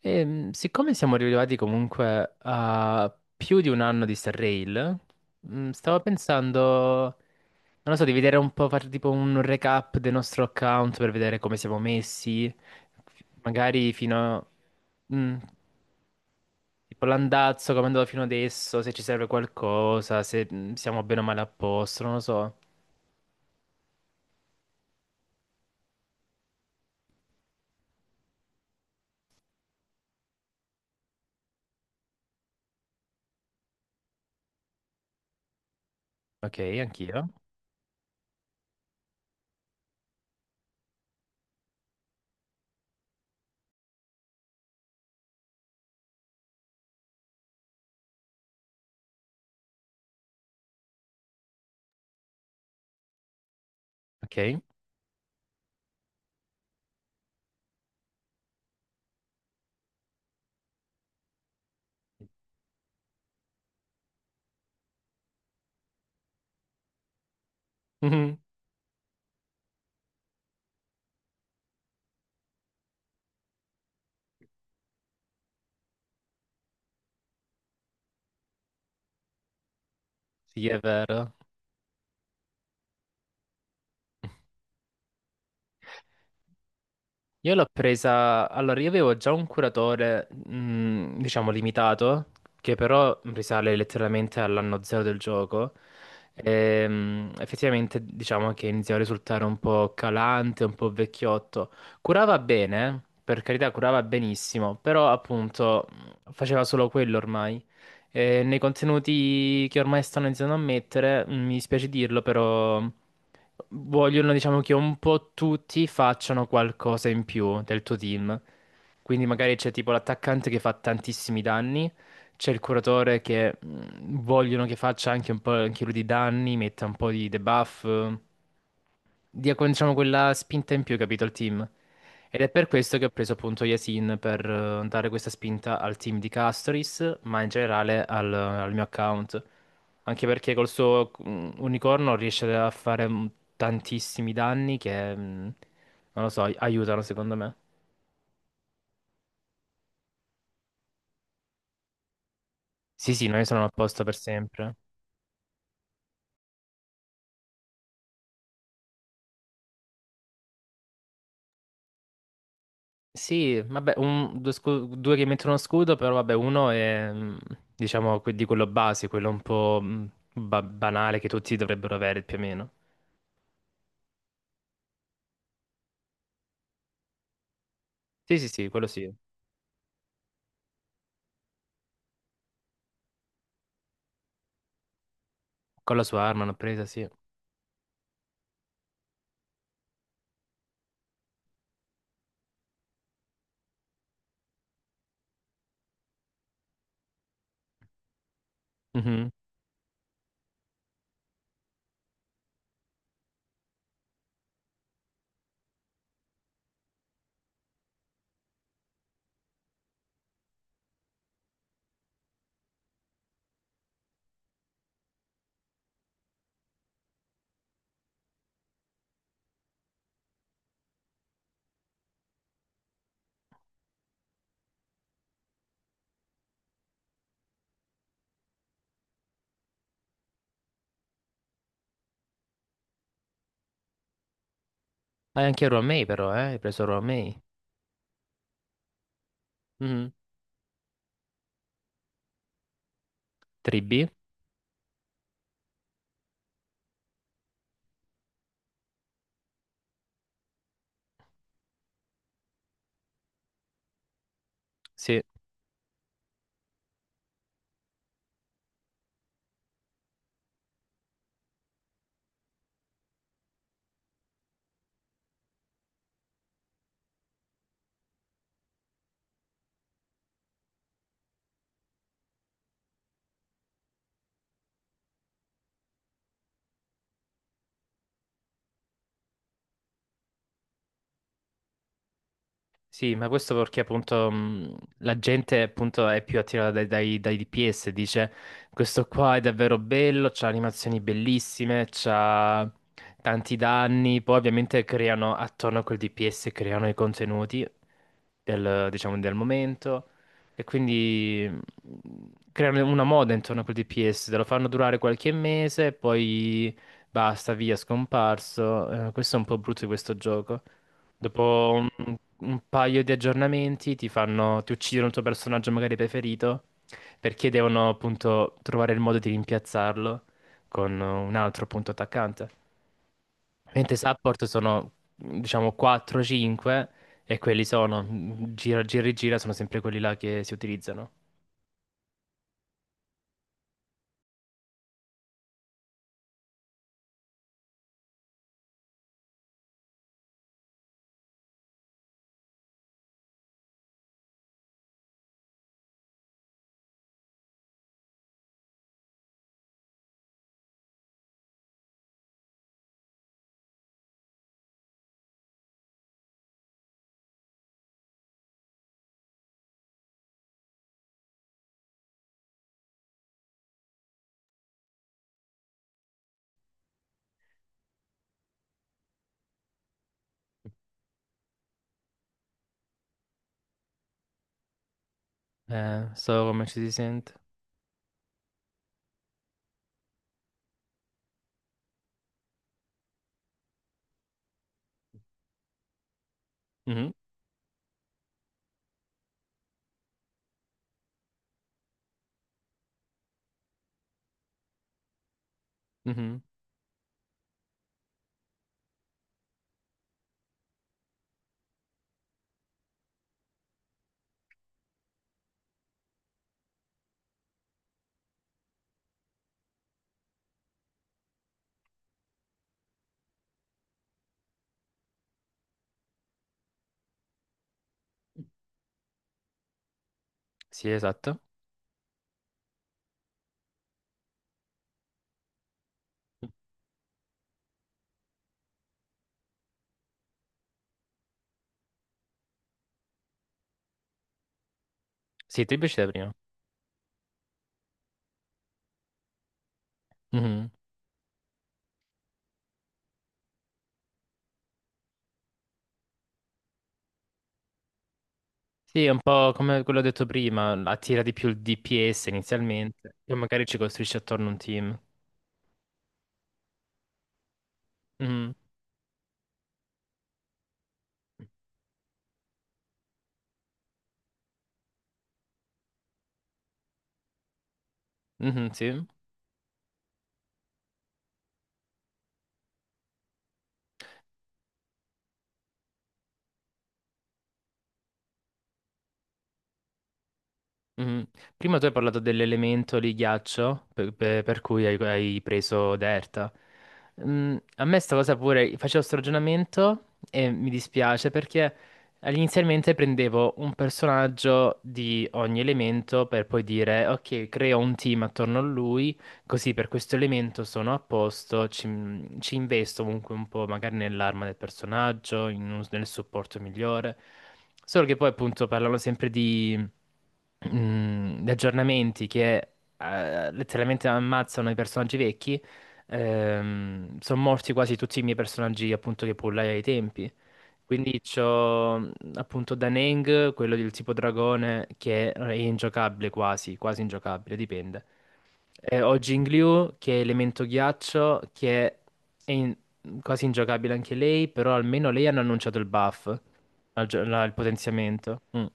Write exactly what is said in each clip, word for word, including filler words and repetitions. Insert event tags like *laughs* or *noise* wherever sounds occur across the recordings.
E, siccome siamo arrivati comunque a più di un anno di Star Rail, mm, stavo pensando, non lo so, di vedere un po', fare tipo un recap del nostro account per vedere come siamo messi, magari fino a... mm, tipo l'andazzo, come è andato fino adesso, se ci serve qualcosa, se mm, siamo bene o male a posto, non lo so. Ok, anch'io. Ok. *laughs* Mhm. Sì, è vero. Io l'ho presa, allora io avevo già un curatore, mm, diciamo, limitato, che però risale letteralmente all'anno zero del gioco. Ehm, effettivamente diciamo che iniziava a risultare un po' calante, un po' vecchiotto. Curava bene, per carità, curava benissimo, però appunto mh, faceva solo quello ormai. Eh, nei contenuti che ormai stanno iniziando a mettere, mm, mi dispiace dirlo, però vogliono, diciamo, che un po' tutti facciano qualcosa in più del tuo team. Quindi magari c'è tipo l'attaccante che fa tantissimi danni, c'è il curatore che mm, vogliono che faccia anche un po' anche lui di danni, metta un po' di debuff dia con- diciamo, quella spinta in più, capito, al team. Ed è per questo che ho preso appunto Yasin per eh, dare questa spinta al team di Castoris, ma in generale al, al mio account. Anche perché col suo mm, unicorno riesce a fare mm, tantissimi danni che, mm, non lo so, ai- aiutano secondo me. Sì, sì, non ne sono apposta per sempre. Sì, vabbè, un- due, scu- due che mettono scudo, però vabbè, uno è, mm, diciamo, que- di quello base, quello un po' mm, ba- banale che tutti dovrebbero avere più o meno. Sì, sì, sì, quello sì. Con la sua arma l'ho presa, sì. Mhm. Ah, e anche Romei però, eh? Hai preso Romei. Mhm. tre B? Sì. Sì, ma questo perché appunto mh, la gente appunto è più attirata dai, dai- dai D P S, dice questo qua è davvero bello, c'ha animazioni bellissime, c'ha tanti danni, poi ovviamente creano attorno a quel D P S, creano i contenuti del, diciamo, del momento e quindi mh, creano una moda intorno a quel D P S, te lo fanno durare qualche mese, poi basta, via, scomparso. Eh, questo è un po' brutto di questo gioco. Dopo un, un paio di aggiornamenti ti fanno, ti uccidono il tuo personaggio magari preferito perché devono appunto trovare il modo di rimpiazzarlo con un altro appunto attaccante. Mentre support sono diciamo quattro cinque e quelli sono gira, gira e gira sono sempre quelli là che si utilizzano. Eh, so come ci si sente. Mhm, mhm. Sì, esatto. Sì, ti piaceva prima. Mhm. Sì, è un po' come quello detto prima, attira di più il D P S inizialmente, e magari ci costruisce attorno un team. Mhm. Mhm, sì. Mhm. Prima tu hai parlato dell'elemento di ghiaccio per, per- per cui hai, hai preso Derta. Mm, a me sta cosa pure, facevo sto ragionamento e mi dispiace perché inizialmente prendevo un personaggio di ogni elemento per poi dire ok, creo un team attorno a lui. Così per questo elemento sono a posto, ci, ci investo comunque un po' magari nell'arma del personaggio, in un- nel supporto migliore. Solo che poi appunto parlano sempre di, mm, di aggiornamenti che eh, letteralmente ammazzano i personaggi vecchi. Ehm, sono morti quasi tutti i miei personaggi appunto che pullai ai tempi. Quindi c'ho mh, appunto Daneng, quello del tipo dragone, che è ingiocabile quasi, quasi ingiocabile, dipende. Eh, ho Jingliu che è elemento ghiaccio, che è in- quasi ingiocabile anche lei, però almeno lei hanno annunciato il buff, la gio- la- il potenziamento. Mm.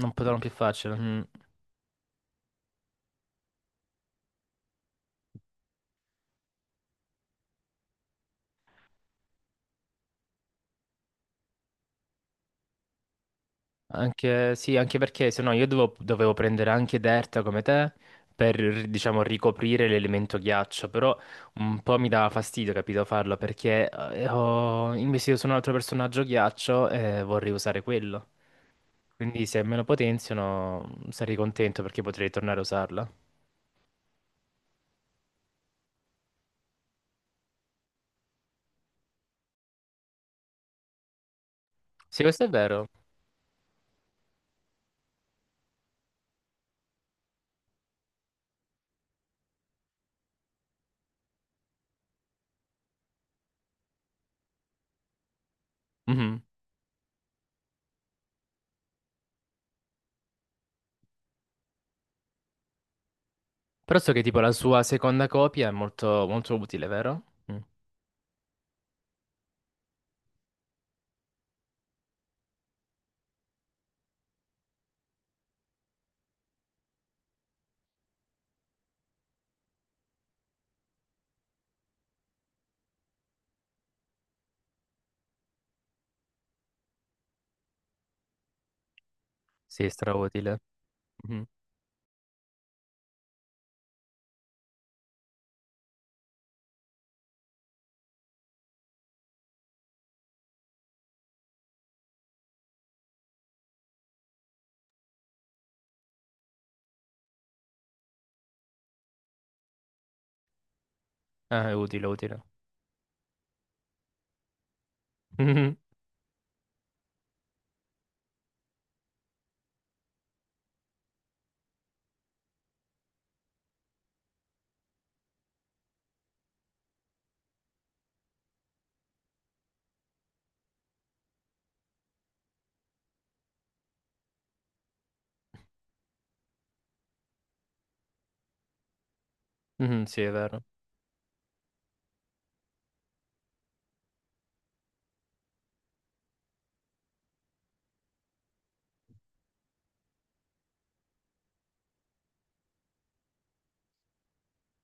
Non potevano più farcela. Mm. Anche, sì, anche perché se no io dovevo, dovevo prendere anche Derta come te per, diciamo, ricoprire l'elemento ghiaccio, però un po' mi dava fastidio, capito, farlo, perché eh, ho investito su un altro personaggio ghiaccio e vorrei usare quello. Quindi se me lo potenziano sarei contento perché potrei tornare a usarla. Sì, questo è vero. Mhm. Però so che tipo la sua seconda copia è molto, molto utile, vero? Mm. Sì, strautile. Mhm. Ah, è utile, utile. *laughs* Mhm. Mhm, sì, è vero.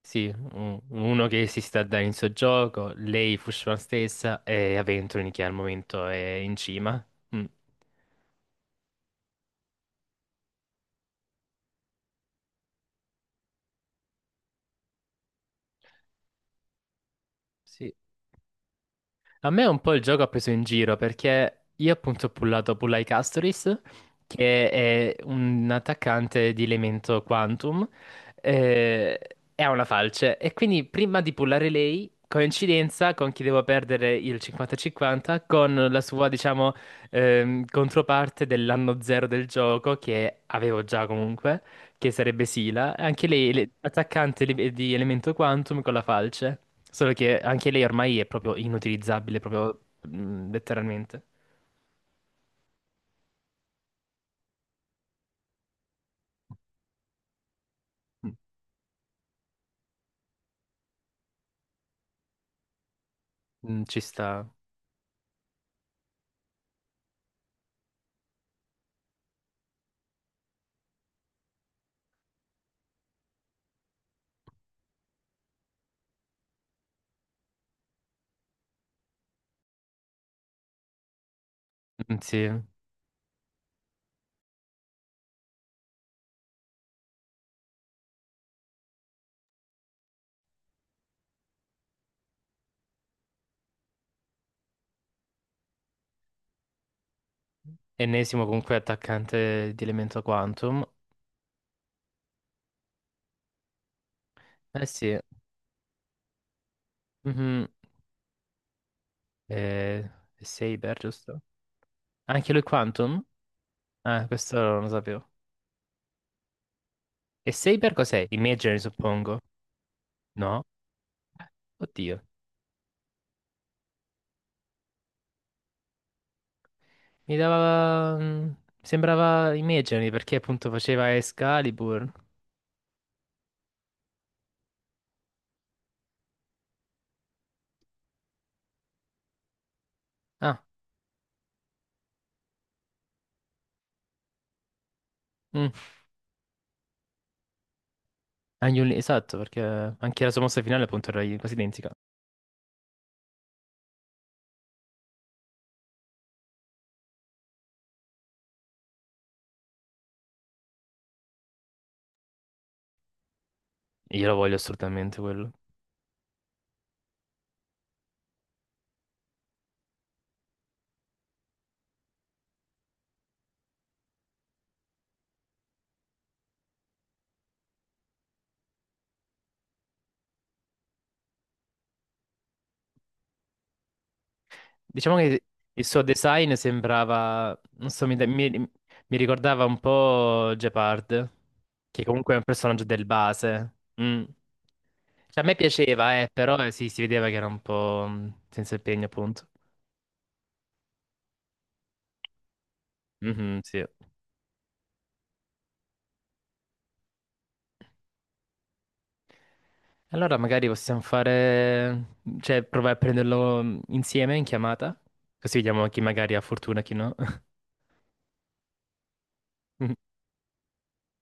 Sì, un- uno che si sta dando il suo gioco, lei Fushman stessa e Aventurini che al momento è in cima. Mm. Sì. A me un po' il gioco ha preso in giro perché io appunto ho pullato Pullai Castoris, che è un attaccante di elemento Quantum, eh, e ha una falce. E quindi prima di pullare lei, coincidenza con chi devo perdere il cinquanta cinquanta, con la sua, diciamo, ehm, controparte dell'anno zero del gioco, che avevo già comunque che sarebbe Sila, anche lei le- attaccante li- di elemento quantum con la falce, solo che anche lei ormai è proprio inutilizzabile, proprio mm, letteralmente. Mm, ci sta. Mm, sì, ennesimo comunque attaccante di elemento quantum. Eh sì. Mhm. Eh, è Saber, giusto? Anche lui quantum? Ah, questo non lo sapevo. E Saber cos'è? Imaginary, suppongo. No? Oddio. Mi dava... mm, sembrava Imagery perché appunto faceva Excalibur. Ah, mm. Anche un- esatto, perché anche la sua mossa finale appunto era i- quasi identica. Io lo voglio assolutamente quello. Diciamo che il suo design sembrava... non so, mi, da- mi- mi ricordava un po' Gepard, che comunque è un personaggio del base. Mm. Cioè, a me piaceva, eh, però eh, sì, si vedeva che era un po' mm, senza impegno appunto. Mhm, sì. Allora magari possiamo fare, cioè provare a prenderlo mm, insieme in chiamata, così vediamo chi magari ha fortuna e chi no. *laughs*